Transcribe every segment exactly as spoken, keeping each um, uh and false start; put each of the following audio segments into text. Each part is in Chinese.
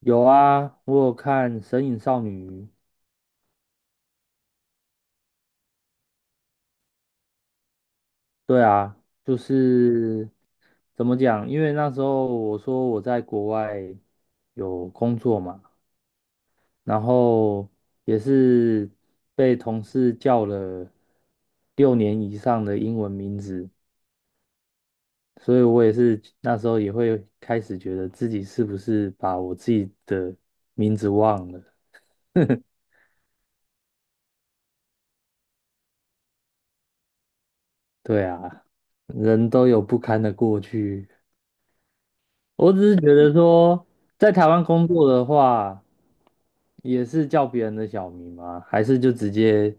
有啊，我有看《神隐少女》。对啊，就是怎么讲？因为那时候我说我在国外有工作嘛，然后也是被同事叫了六年以上的英文名字，所以我也是那时候也会开始觉得自己是不是把我自己的名字忘了。对啊，人都有不堪的过去。我只是觉得说，在台湾工作的话，也是叫别人的小名吗？还是就直接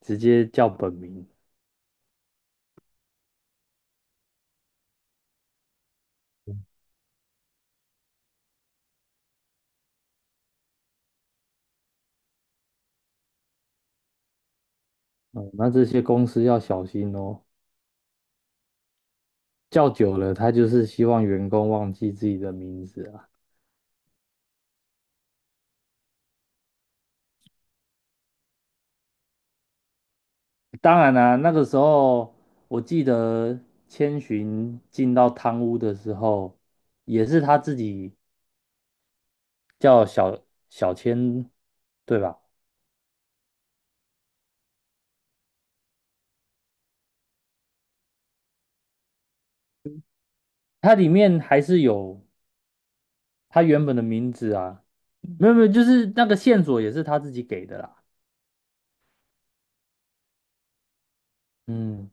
直接叫本名？嗯，那这些公司要小心哦，叫久了，他就是希望员工忘记自己的名字啊。当然啦、那个时候我记得千寻进到汤屋的时候，也是他自己叫小小千，对吧？它里面还是有他原本的名字啊，没有没有，就是那个线索也是他自己给的啦。嗯，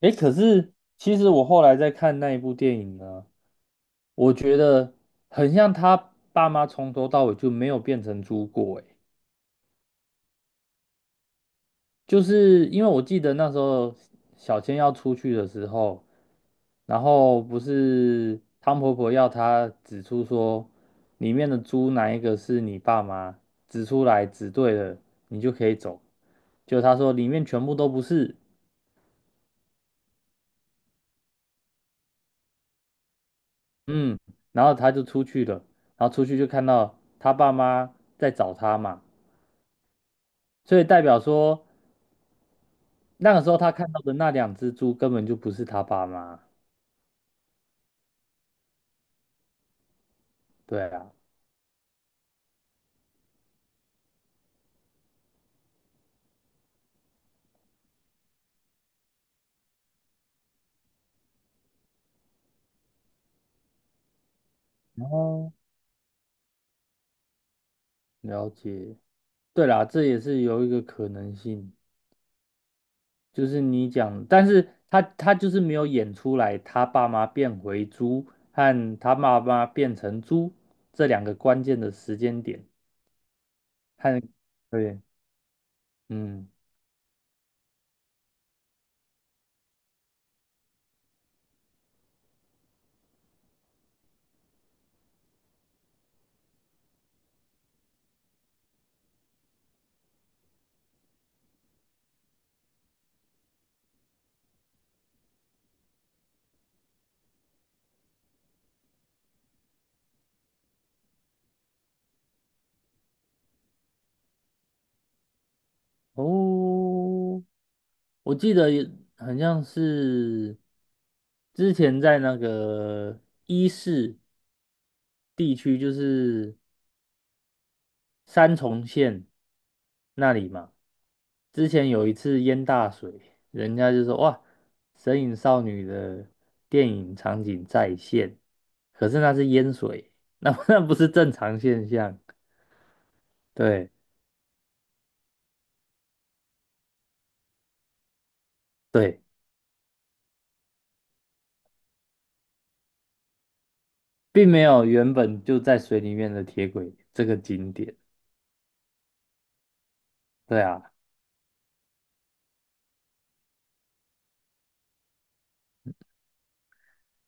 诶，可是其实我后来在看那一部电影呢，我觉得很像他爸妈从头到尾就没有变成猪过，诶，就是因为我记得那时候小千要出去的时候，然后不是汤婆婆要她指出说里面的猪哪一个是你爸妈，指出来指对了，你就可以走。就他说里面全部都不是，嗯，然后他就出去了，然后出去就看到他爸妈在找他嘛，所以代表说那个时候他看到的那两只猪根本就不是他爸妈，对啊，哦，了解，对啦，这也是有一个可能性，就是你讲，但是他他就是没有演出来他爸妈变回猪和他妈妈变成猪这两个关键的时间点和对，嗯。哦，我记得也很像是之前在那个伊势地区，就是三重县那里嘛。之前有一次淹大水，人家就说哇，《神隐少女》的电影场景再现，可是那是淹水，那 那不是正常现象。对对，并没有原本就在水里面的铁轨这个景点。对啊。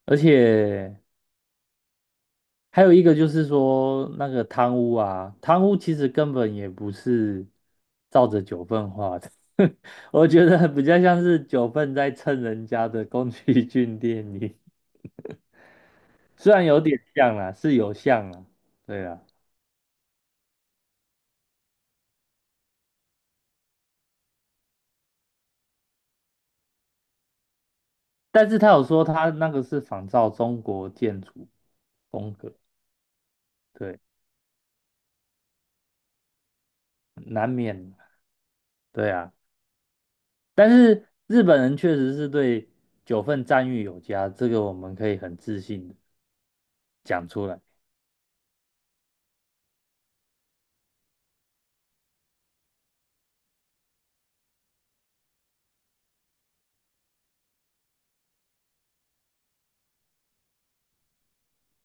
而且还有一个就是说，那个贪污啊，贪污其实根本也不是照着九份画的，我觉得比较像是九份在蹭人家的宫崎骏电影，虽然有点像啦，是有像啦，对啊，但是他有说他那个是仿照中国建筑风格，对，难免，对啊，但是日本人确实是对九份赞誉有加，这个我们可以很自信的讲出来。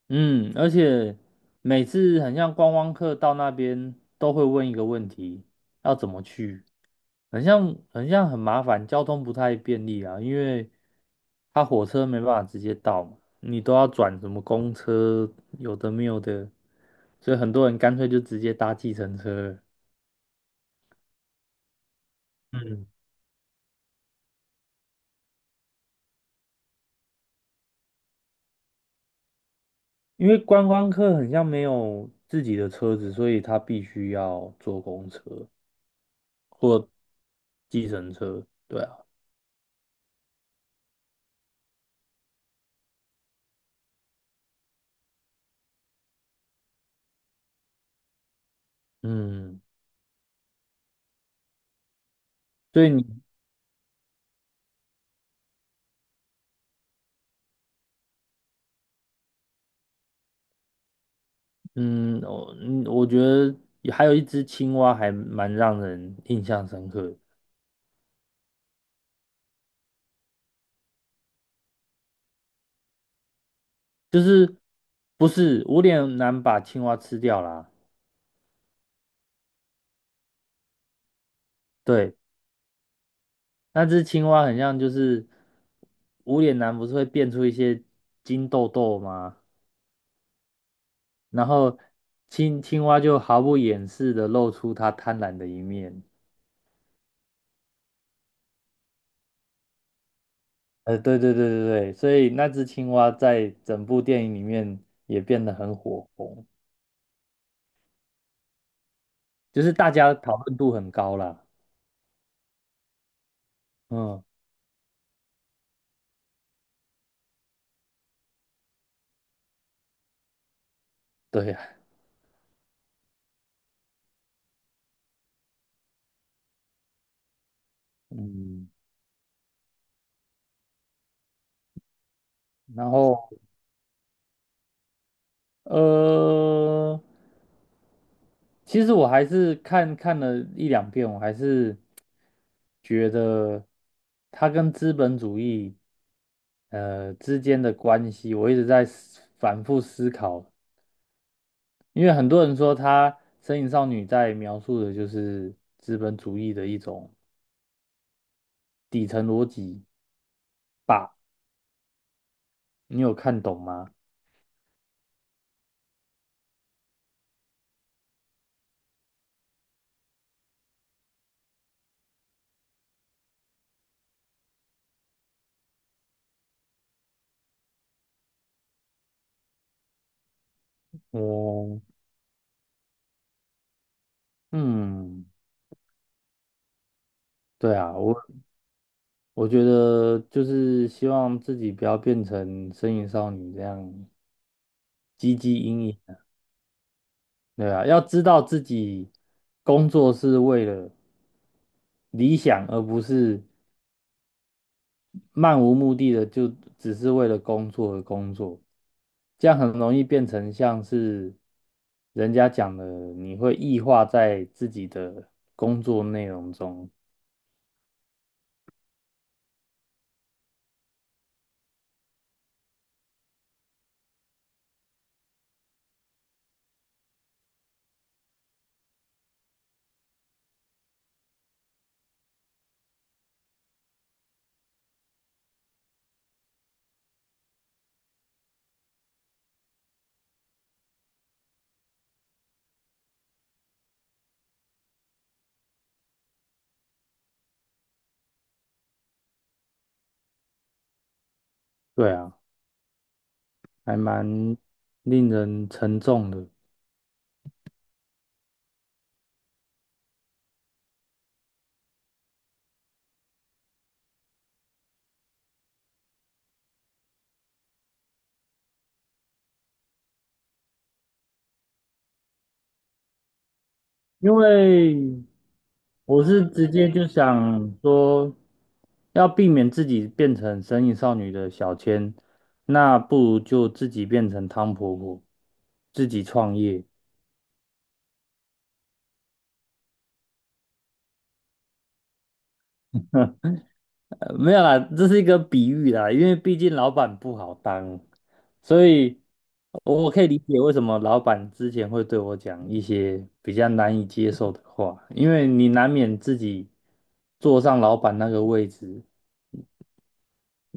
嗯，而且每次很像观光客到那边都会问一个问题，要怎么去？很像很像很麻烦，交通不太便利啊，因为他火车没办法直接到嘛，你都要转什么公车，有的没有的，所以很多人干脆就直接搭计程车了。嗯，因为观光客很像没有自己的车子，所以他必须要坐公车或对啊。嗯，所以你。嗯，我嗯，我觉得也还有一只青蛙还蛮让人印象深刻的。就是不是我有男把青蛙吃掉啦。对，那只青蛙很像就是无脸男不是会变出一些金豆豆吗？然后青青蛙就毫不掩饰的露出它贪婪的一面。呃，对对对对对，所以那只青蛙在整部电影里面也变得很火红，就是大家讨论度很高啦。嗯。对呀，嗯，然后呃，其实我还是看看了一两遍，我还是觉得它跟资本主义呃之间的关系，我一直在思反复思考，因为很多人说他《身影少女》在描述的就是资本主义的一种底层逻辑，你有看懂吗？我嗯，对啊，我。我觉得就是希望自己不要变成身影少女这样唧唧嘤影，的，对啊，要知道自己工作是为了理想，而不是漫无目的的就只是为了工作而工作，这样很容易变成像是人家讲的，你会异化在自己的工作内容中，对啊，还蛮令人沉重的。因为我是直接就想说，要避免自己变成神隐少女的小千，那不如就自己变成汤婆婆，自己创业。呃没有啦，这是一个比喻啦，因为毕竟老板不好当，所以我我可以理解为什么老板之前会对我讲一些比较难以接受的话，因为你难免自己坐上老板那个位置，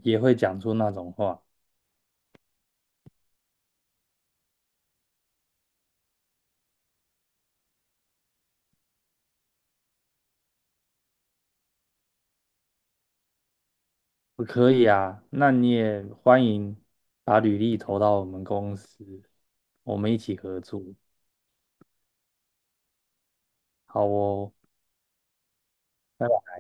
也会讲出那种话。我可以啊，那你也欢迎把履历投到我们公司，我们一起合作。好哦，拜拜。